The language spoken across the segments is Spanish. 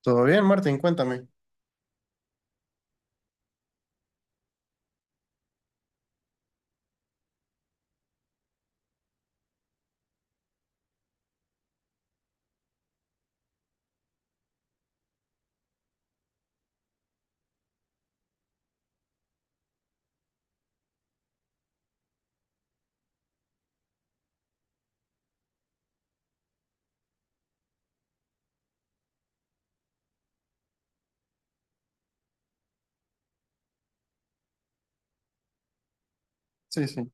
Todo bien, Martín, cuéntame. Sí, sí.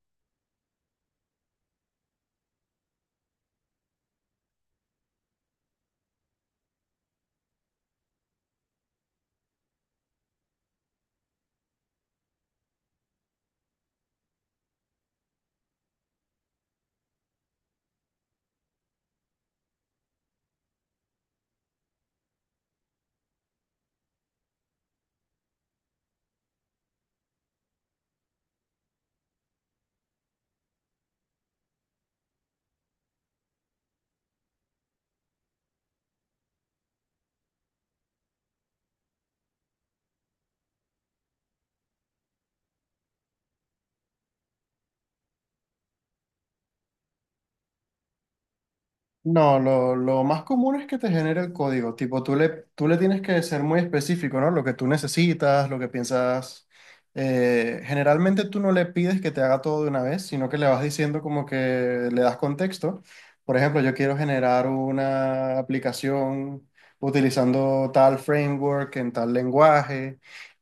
No, lo más común es que te genere el código. Tipo, tú le tienes que ser muy específico, ¿no? Lo que tú necesitas, lo que piensas. Generalmente tú no le pides que te haga todo de una vez, sino que le vas diciendo como que le das contexto. Por ejemplo, yo quiero generar una aplicación utilizando tal framework en tal lenguaje.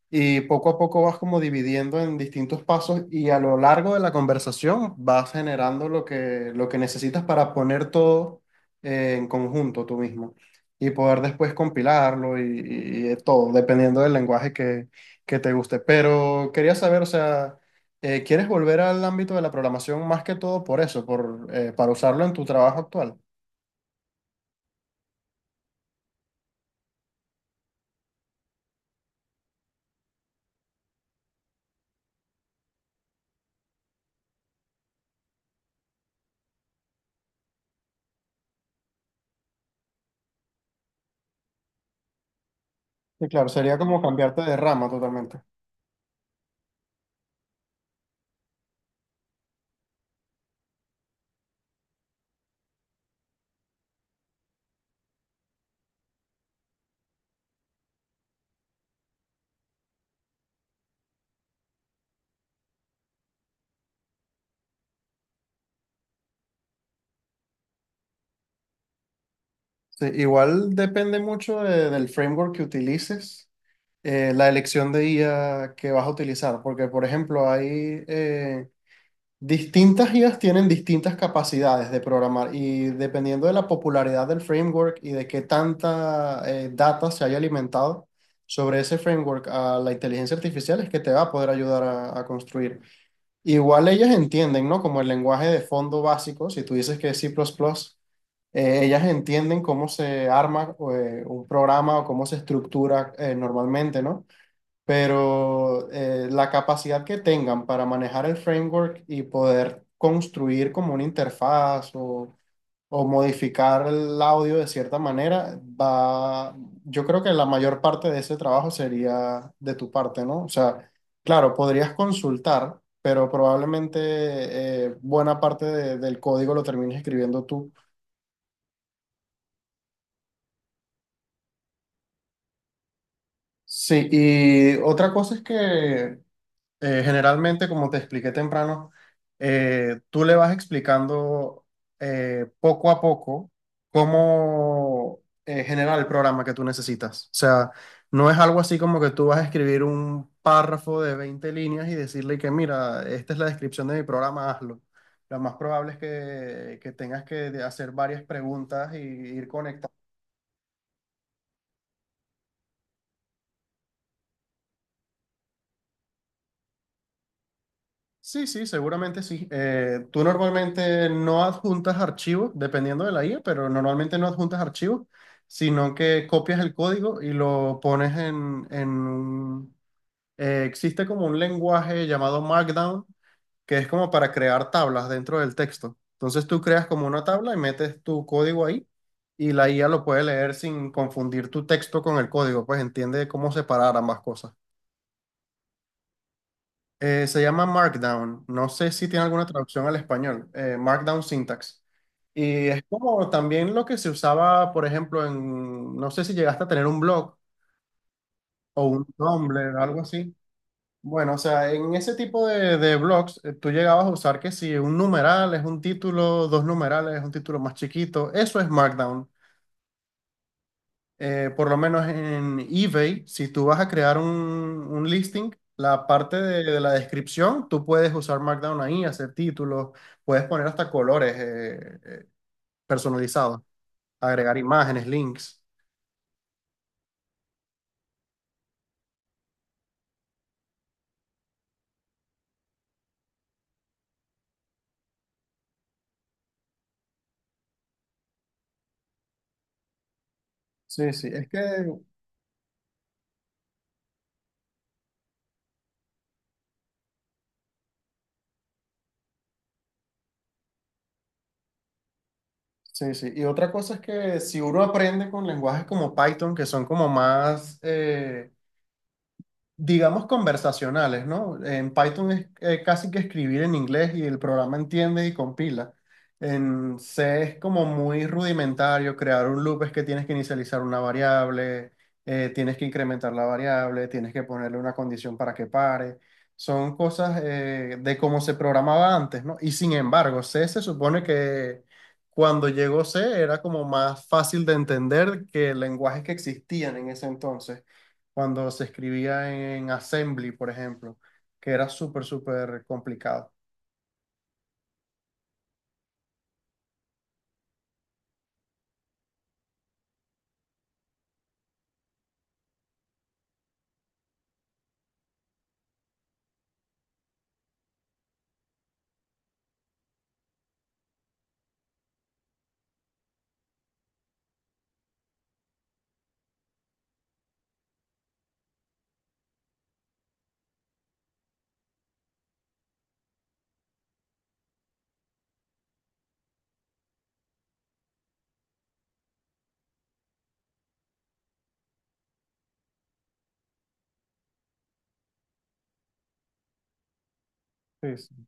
Y poco a poco vas como dividiendo en distintos pasos y a lo largo de la conversación vas generando lo que necesitas para poner todo en conjunto tú mismo y poder después compilarlo y de todo, dependiendo del que te guste. Pero quería saber, o sea, ¿quieres volver al ámbito de la programación más que todo por eso, para usarlo en tu trabajo actual? Sí, claro, sería como cambiarte de rama totalmente. Sí, igual depende mucho del framework que utilices la elección de IA que vas a utilizar, porque por ejemplo hay eh, distintas IAs tienen distintas capacidades de programar y dependiendo de la popularidad del framework y de qué tanta data se haya alimentado sobre ese framework a la inteligencia artificial es que te va a poder ayudar a construir. Igual ellas entienden, ¿no? Como el lenguaje de fondo básico, si tú dices que es C++, ellas entienden cómo se arma un programa o cómo se estructura normalmente, ¿no? Pero la capacidad que tengan para manejar el framework y poder construir como una interfaz o modificar el audio de cierta manera, va, yo creo que la mayor parte de ese trabajo sería de tu parte, ¿no? O sea, claro, podrías consultar, pero probablemente buena parte del código lo termines escribiendo tú. Sí, y otra cosa es que generalmente, como te expliqué temprano, tú le vas explicando poco a poco cómo generar el programa que tú necesitas. O sea, no es algo así como que tú vas a escribir un párrafo de 20 líneas y decirle que, mira, esta es la descripción de mi programa, hazlo. Lo más probable es que tengas que hacer varias preguntas y ir conectando. Sí, sí, seguramente sí. Tú normalmente no adjuntas archivos, dependiendo de la IA, pero normalmente no adjuntas archivos, sino que copias el código y lo pones en un- existe como un lenguaje llamado Markdown, que es como para crear tablas dentro del texto. Entonces tú creas como una tabla y metes tu código ahí y la IA lo puede leer sin confundir tu texto con el código, pues entiende cómo separar ambas cosas. Se llama Markdown. No sé si tiene alguna traducción al español. Markdown Syntax. Y es como también lo que se usaba, por ejemplo, en, no sé si llegaste a tener un blog o un Tumblr, algo así. Bueno, o sea, en ese tipo de blogs, tú llegabas a usar que si un numeral es un título, dos numerales es un título más chiquito, eso es Markdown. Por lo menos en eBay, si tú vas a crear un listing, la parte de la descripción, tú puedes usar Markdown ahí, hacer títulos, puedes poner hasta colores personalizados, agregar imágenes, links. Sí, sí, es que, sí, sí. Y otra cosa es que si uno aprende con lenguajes como Python, que son como más, digamos, conversacionales, ¿no? En Python es casi que escribir en inglés y el programa entiende y compila. En C es como muy rudimentario, crear un loop es que tienes que inicializar una variable, tienes que incrementar la variable, tienes que ponerle una condición para que pare. Son cosas de cómo se programaba antes, ¿no? Y sin embargo, C se supone que cuando llegó C era como más fácil de entender que lenguajes que existían en ese entonces cuando se escribía en Assembly, por ejemplo, que era súper, súper complicado. Sí, sí.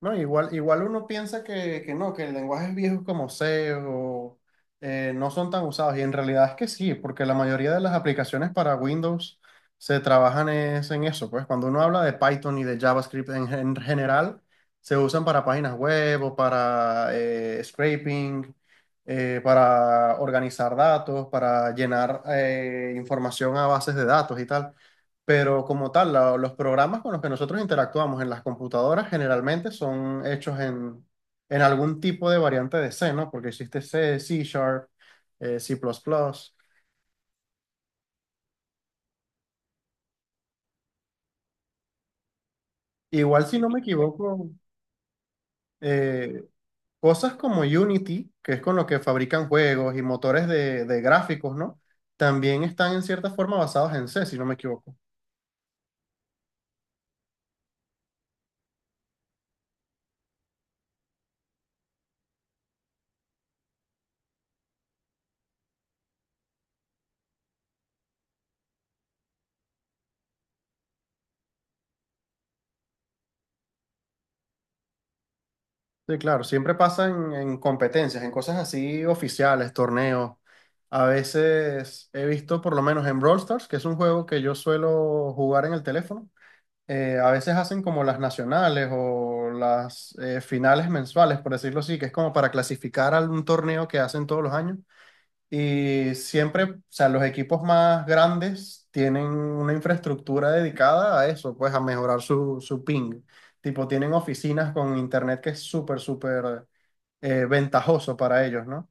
No, igual, igual uno piensa que no, que el lenguajes viejo como C o no son tan usados. Y en realidad es que sí, porque la mayoría de las aplicaciones para Windows se trabajan es en eso. Pues cuando uno habla de Python y de JavaScript en general, se usan para páginas web o para scraping, para organizar datos, para llenar información a bases de datos y tal. Pero como tal, los programas con los que nosotros interactuamos en las computadoras generalmente son hechos en algún tipo de variante de C, ¿no? Porque existe C, C Sharp, C++. Igual, si no me equivoco, eh, cosas como Unity, que es con lo que fabrican juegos y motores de gráficos, ¿no? También están en cierta forma basados en C, si no me equivoco. Sí, claro, siempre pasa en competencias, en cosas así oficiales, torneos. A veces he visto, por lo menos en Brawl Stars, que es un juego que yo suelo jugar en el teléfono, a veces hacen como las nacionales o las finales mensuales, por decirlo así, que es como para clasificar a un torneo que hacen todos los años. Y siempre, o sea, los equipos más grandes tienen una infraestructura dedicada a eso, pues a mejorar su ping. Tipo, tienen oficinas con internet que es súper, súper ventajoso para ellos, ¿no?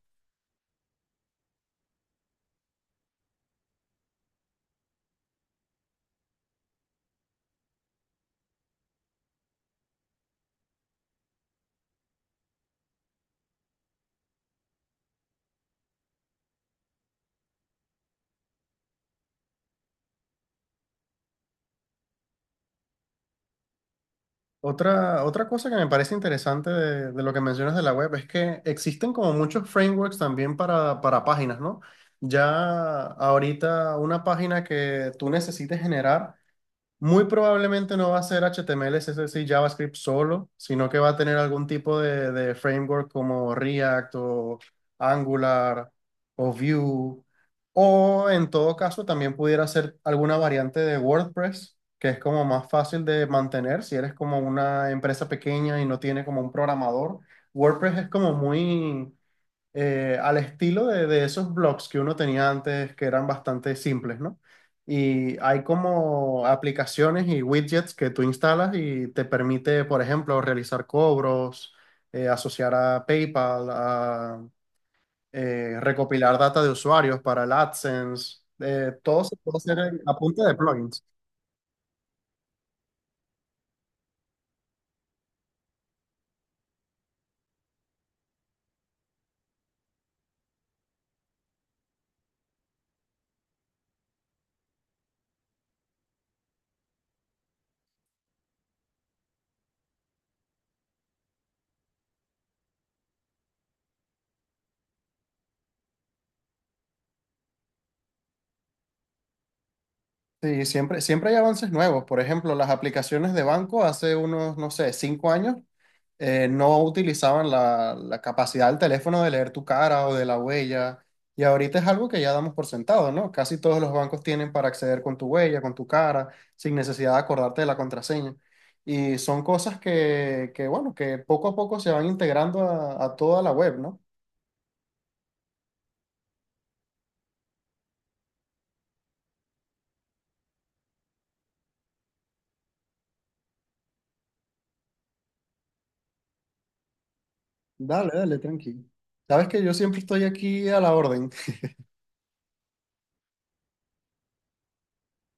Otra cosa que me parece interesante de lo que mencionas de la web es que existen como muchos frameworks también para páginas, ¿no? Ya ahorita una página que tú necesites generar. Muy probablemente no va a ser HTML, CSS y JavaScript solo, sino que va a tener algún tipo de framework como React o Angular o Vue. O en todo caso, también pudiera ser alguna variante de WordPress, que es como más fácil de mantener si eres como una empresa pequeña y no tiene como un programador. WordPress es como muy al estilo de esos blogs que uno tenía antes, que eran bastante simples, ¿no? Y hay como aplicaciones y widgets que tú instalas y te permite, por ejemplo, realizar cobros, asociar a PayPal, a, recopilar data de usuarios para el AdSense. Todo se puede hacer en- a punta de plugins. Sí, siempre, siempre hay avances nuevos. Por ejemplo, las aplicaciones de banco hace unos, no sé, 5 años no utilizaban la capacidad del teléfono de leer tu cara o de la huella. Y ahorita es algo que ya damos por sentado, ¿no? Casi todos los bancos tienen para acceder con tu huella, con tu cara, sin necesidad de acordarte de la contraseña. Y son cosas que bueno, que poco a poco se van integrando a toda la web, ¿no? Dale, dale, tranquilo. Sabes que yo siempre estoy aquí a la orden.